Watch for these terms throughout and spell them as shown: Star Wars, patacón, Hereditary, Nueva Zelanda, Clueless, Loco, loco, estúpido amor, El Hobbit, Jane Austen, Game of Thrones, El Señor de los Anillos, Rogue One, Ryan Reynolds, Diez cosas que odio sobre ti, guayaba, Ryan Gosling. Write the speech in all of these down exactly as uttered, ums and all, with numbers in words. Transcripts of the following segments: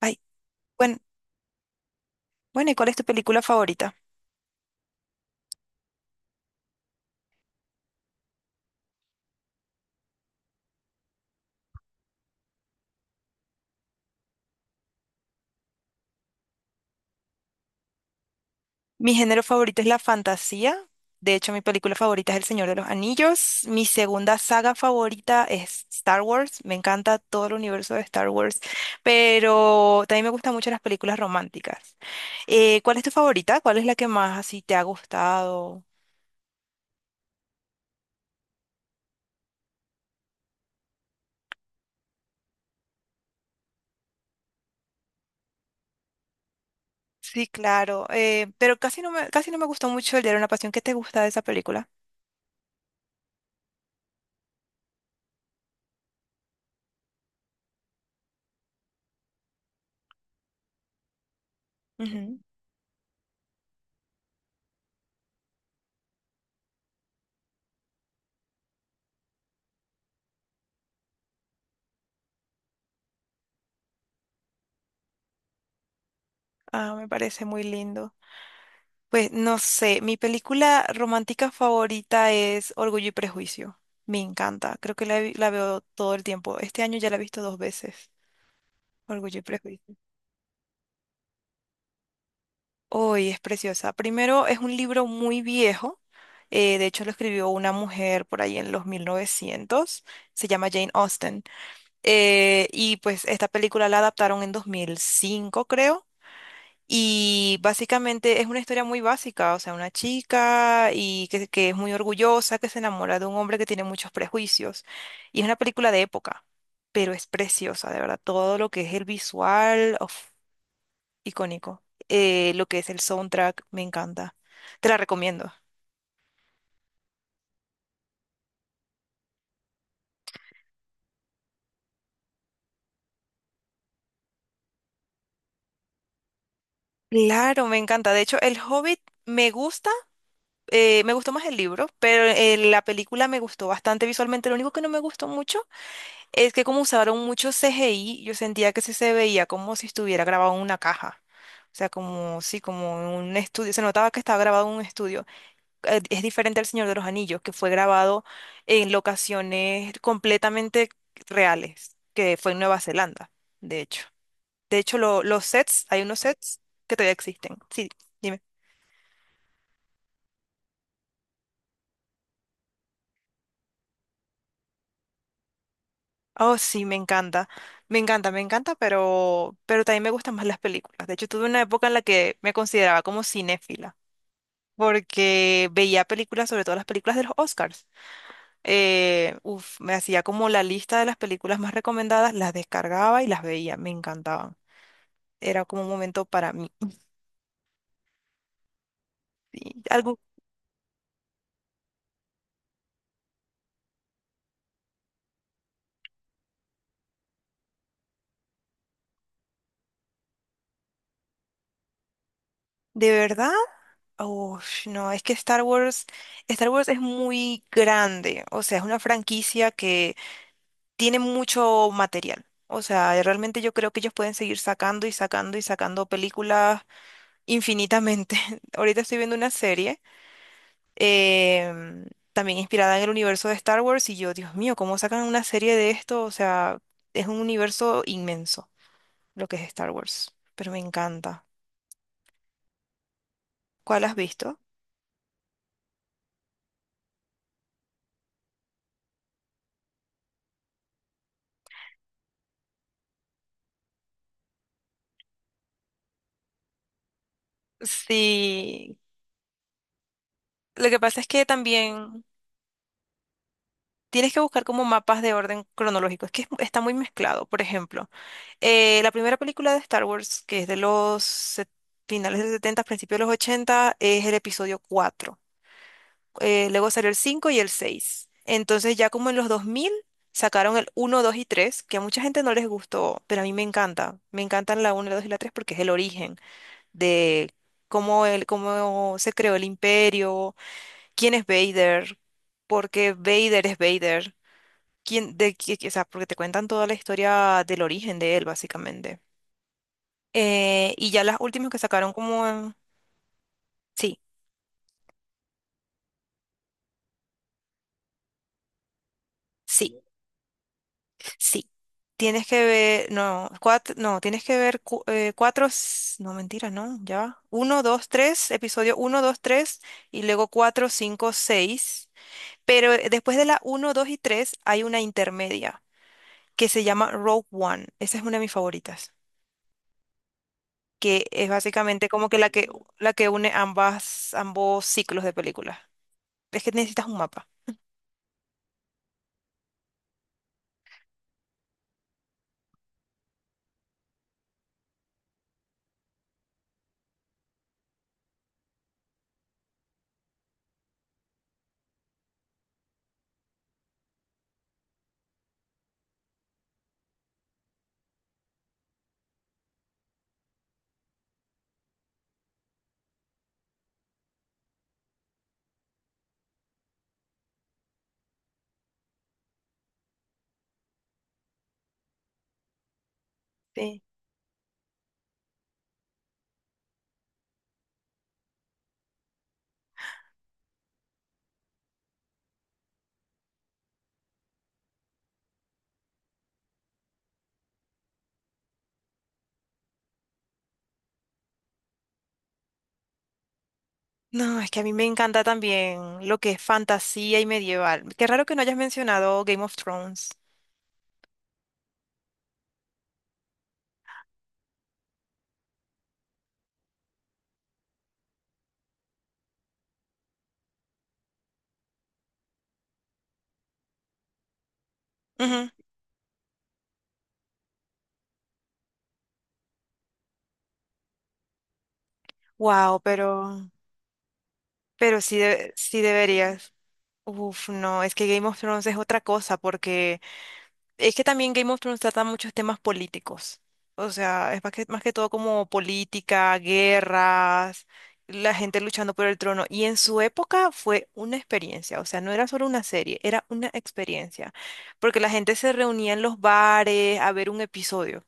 Ay, bueno, bueno, ¿y cuál es tu película favorita? Mi género favorito es la fantasía. De hecho, mi película favorita es El Señor de los Anillos. Mi segunda saga favorita es Star Wars. Me encanta todo el universo de Star Wars, pero también me gustan mucho las películas románticas. Eh, ¿cuál es tu favorita? ¿Cuál es la que más así te ha gustado? Sí, claro. Eh, pero casi no me, casi no me gustó mucho el diario de una pasión. ¿Qué te gusta de esa película? Ujú. Ah, me parece muy lindo. Pues no sé, mi película romántica favorita es Orgullo y Prejuicio. Me encanta, creo que la, vi- la veo todo el tiempo. Este año ya la he visto dos veces, Orgullo y Prejuicio. Hoy es preciosa. Primero, es un libro muy viejo, eh, de hecho lo escribió una mujer por ahí en los mil novecientos. Se llama Jane Austen. Eh, y pues esta película la adaptaron en dos mil cinco, creo. Y básicamente es una historia muy básica, o sea, una chica y que, que es muy orgullosa, que se enamora de un hombre que tiene muchos prejuicios. Y es una película de época, pero es preciosa, de verdad. Todo lo que es el visual, uf, icónico. Eh, lo que es el soundtrack, me encanta. Te la recomiendo. Claro, me encanta. De hecho, El Hobbit me gusta, eh, me gustó más el libro, pero eh, la película me gustó bastante visualmente. Lo único que no me gustó mucho es que como usaron mucho C G I, yo sentía que sí se veía como si estuviera grabado en una caja. O sea, como, sí, como en un estudio. Se notaba que estaba grabado en un estudio. Eh, Es diferente al Señor de los Anillos, que fue grabado en locaciones completamente reales, que fue en Nueva Zelanda, de hecho. De hecho, lo- los sets, hay unos sets que todavía existen. Sí, dime. Oh, sí, me encanta. Me encanta, me encanta, pero, pero también me gustan más las películas. De hecho, tuve una época en la que me consideraba como cinéfila, porque veía películas, sobre todo las películas de los Oscars. Eh, uf, me hacía como la lista de las películas más recomendadas, las descargaba y las veía, me encantaban. Era como un momento para mí. Sí, algo. ¿De verdad? Uf, no, es que Star Wars, Star Wars es muy grande, o sea, es una franquicia que tiene mucho material. O sea, eh, realmente yo creo que ellos pueden seguir sacando y sacando y sacando películas infinitamente. Ahorita estoy viendo una serie em, también inspirada en el universo de Star Wars y yo, Dios mío, ¿cómo sacan una serie de esto? O sea, es un universo inmenso lo que es Star Wars, pero me encanta. ¿Cuál has visto? Sí, lo que pasa es que también tienes que buscar como mapas de orden cronológico, es que es- está muy mezclado. Por ejemplo, eh, la primera película de Star Wars, que es de los set- finales de los setenta, principios de los ochenta es el episodio cuatro. Eh, luego salió el cinco y el seis. Entonces ya como en los dos mil sacaron el uno, dos y tres, que a mucha gente no les gustó, pero a mí me encanta. Me encantan la uno, la dos y la tres porque es el origen de cómo, el, cómo se creó el imperio, quién es Vader, porque Vader es Vader. Quién, de, qui- o sea, porque te cuentan toda la historia del origen de él, básicamente. Eh, y ya las últimas que sacaron como... en- sí, sí. Sí, tienes que ver, no, cuatro, no, tienes que ver cu- eh, cuatro, s- no, mentira, no, ya va. Uno, dos, tres, episodio uno, dos, tres, y luego cuatro, cinco, seis. Pero eh, después de la uno, dos y tres hay una intermedia que se llama Rogue One. Esa es una de mis favoritas, que es básicamente como que la que, la que, une ambas, ambos ciclos de películas. Es que necesitas un mapa. Sí. No, es que a mí me encanta también lo que es fantasía y medieval. Qué raro que no hayas mencionado Game of Thrones. Ujú. Wow, pero, pero, sí, de- sí deberías. Uf, no, es que Game of Thrones es otra cosa porque... Es que también Game of Thrones trata muchos temas políticos. O sea, es más que, más que todo como política, guerras, la gente luchando por el trono. Y en su época fue una experiencia. O sea, no era solo una serie, era una experiencia. Porque la gente se reunía en los bares a ver un episodio.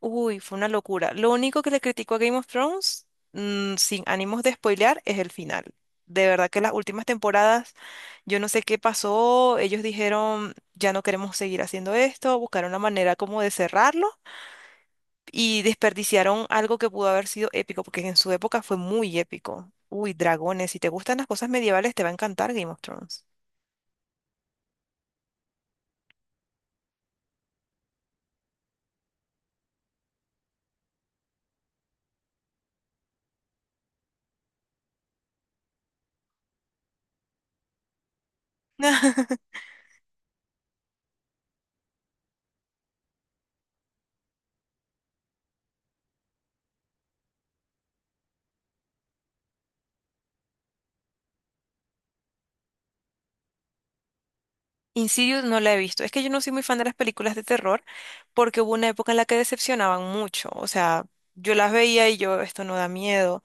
Uy, fue una locura. Lo único que le critico a Game of Thrones, mm, sin ánimos de spoilear, es el final. De verdad que las últimas temporadas, yo no sé qué pasó, ellos dijeron, ya no queremos seguir haciendo esto, buscaron una manera como de cerrarlo y desperdiciaron algo que pudo haber sido épico, porque en su época fue muy épico. Uy, dragones, si te gustan las cosas medievales, te va a encantar Game of Thrones. Insidious no la he visto. Es que yo no soy muy fan de las películas de terror porque hubo una época en la que decepcionaban mucho. O sea, yo las veía y yo, esto no da miedo.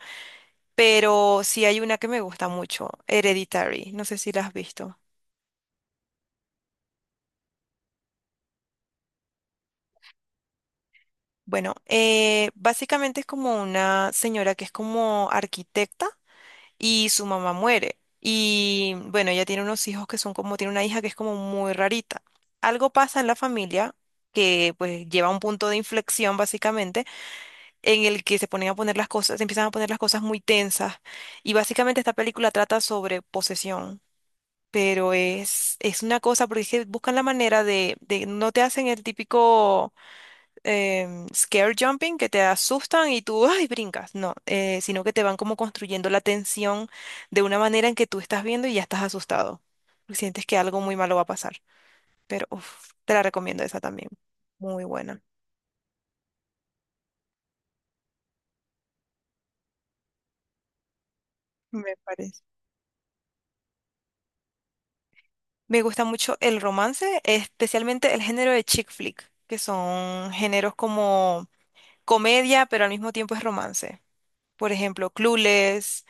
Pero sí hay una que me gusta mucho, Hereditary. No sé si la has visto. Bueno, eh, básicamente es como una señora que es como arquitecta y su mamá muere. Y bueno, ella tiene unos hijos que son como, tiene una hija que es como muy rarita. Algo pasa en la familia que pues lleva a un punto de inflexión básicamente en el que se ponen a poner las cosas, se empiezan a poner las cosas muy tensas. Y básicamente esta película trata sobre posesión, pero es, es una cosa porque es que buscan la manera de, de no te hacen el típico em, scare jumping que te asustan y tú, ay, brincas, no, eh, sino que te van como construyendo la tensión de una manera en que tú estás viendo y ya estás asustado. Sientes que algo muy malo va a pasar, pero uf, te la recomiendo esa también. Muy buena, me parece. Me gusta mucho el romance, especialmente el género de chick flick, que son géneros como comedia, pero al mismo tiempo es romance. Por ejemplo, Clueless,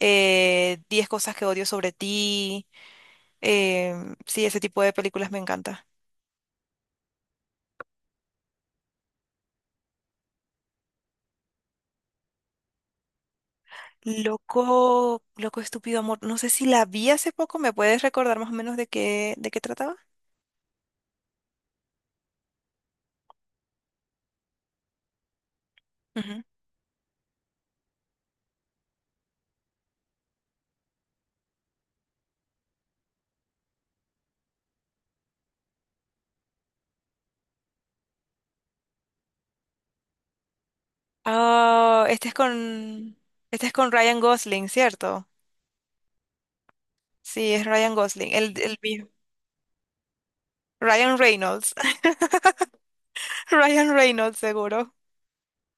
eh, Diez cosas que odio sobre ti. Em, sí, ese tipo de películas me encanta. Loco, loco, estúpido amor. No sé si la vi hace poco, ¿me puedes recordar más o menos de qué, de qué trataba? Ujú. Ah, este es con, este es con Ryan Gosling, ¿cierto? Sí, es Ryan Gosling, el, el mismo. Ryan Reynolds. Ryan Reynolds, seguro.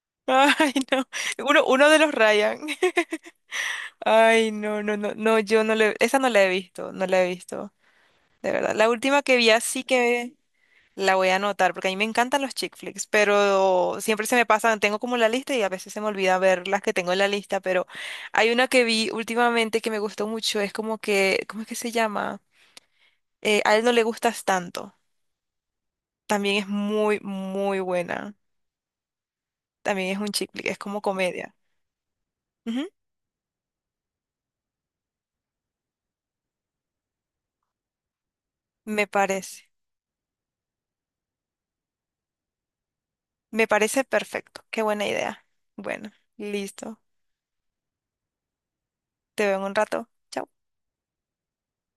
Ay, no. Uno, uno de los Ryan. Ay, no, no, no, no, yo no le, esa no la he visto, no la he visto, de verdad. La última que vi así que la voy a anotar, porque a mí me encantan los chick flicks, pero siempre se me pasan, tengo como la lista y a veces se me olvida ver las que tengo en la lista, pero hay una que vi últimamente que me gustó mucho, es como que, ¿cómo es que se llama? Eh, a él no le gustas tanto, también es muy, muy buena, también es un chick flick, es como comedia. Me parece, me parece perfecto. Qué buena idea. Bueno, listo. Te veo en un rato. Chao.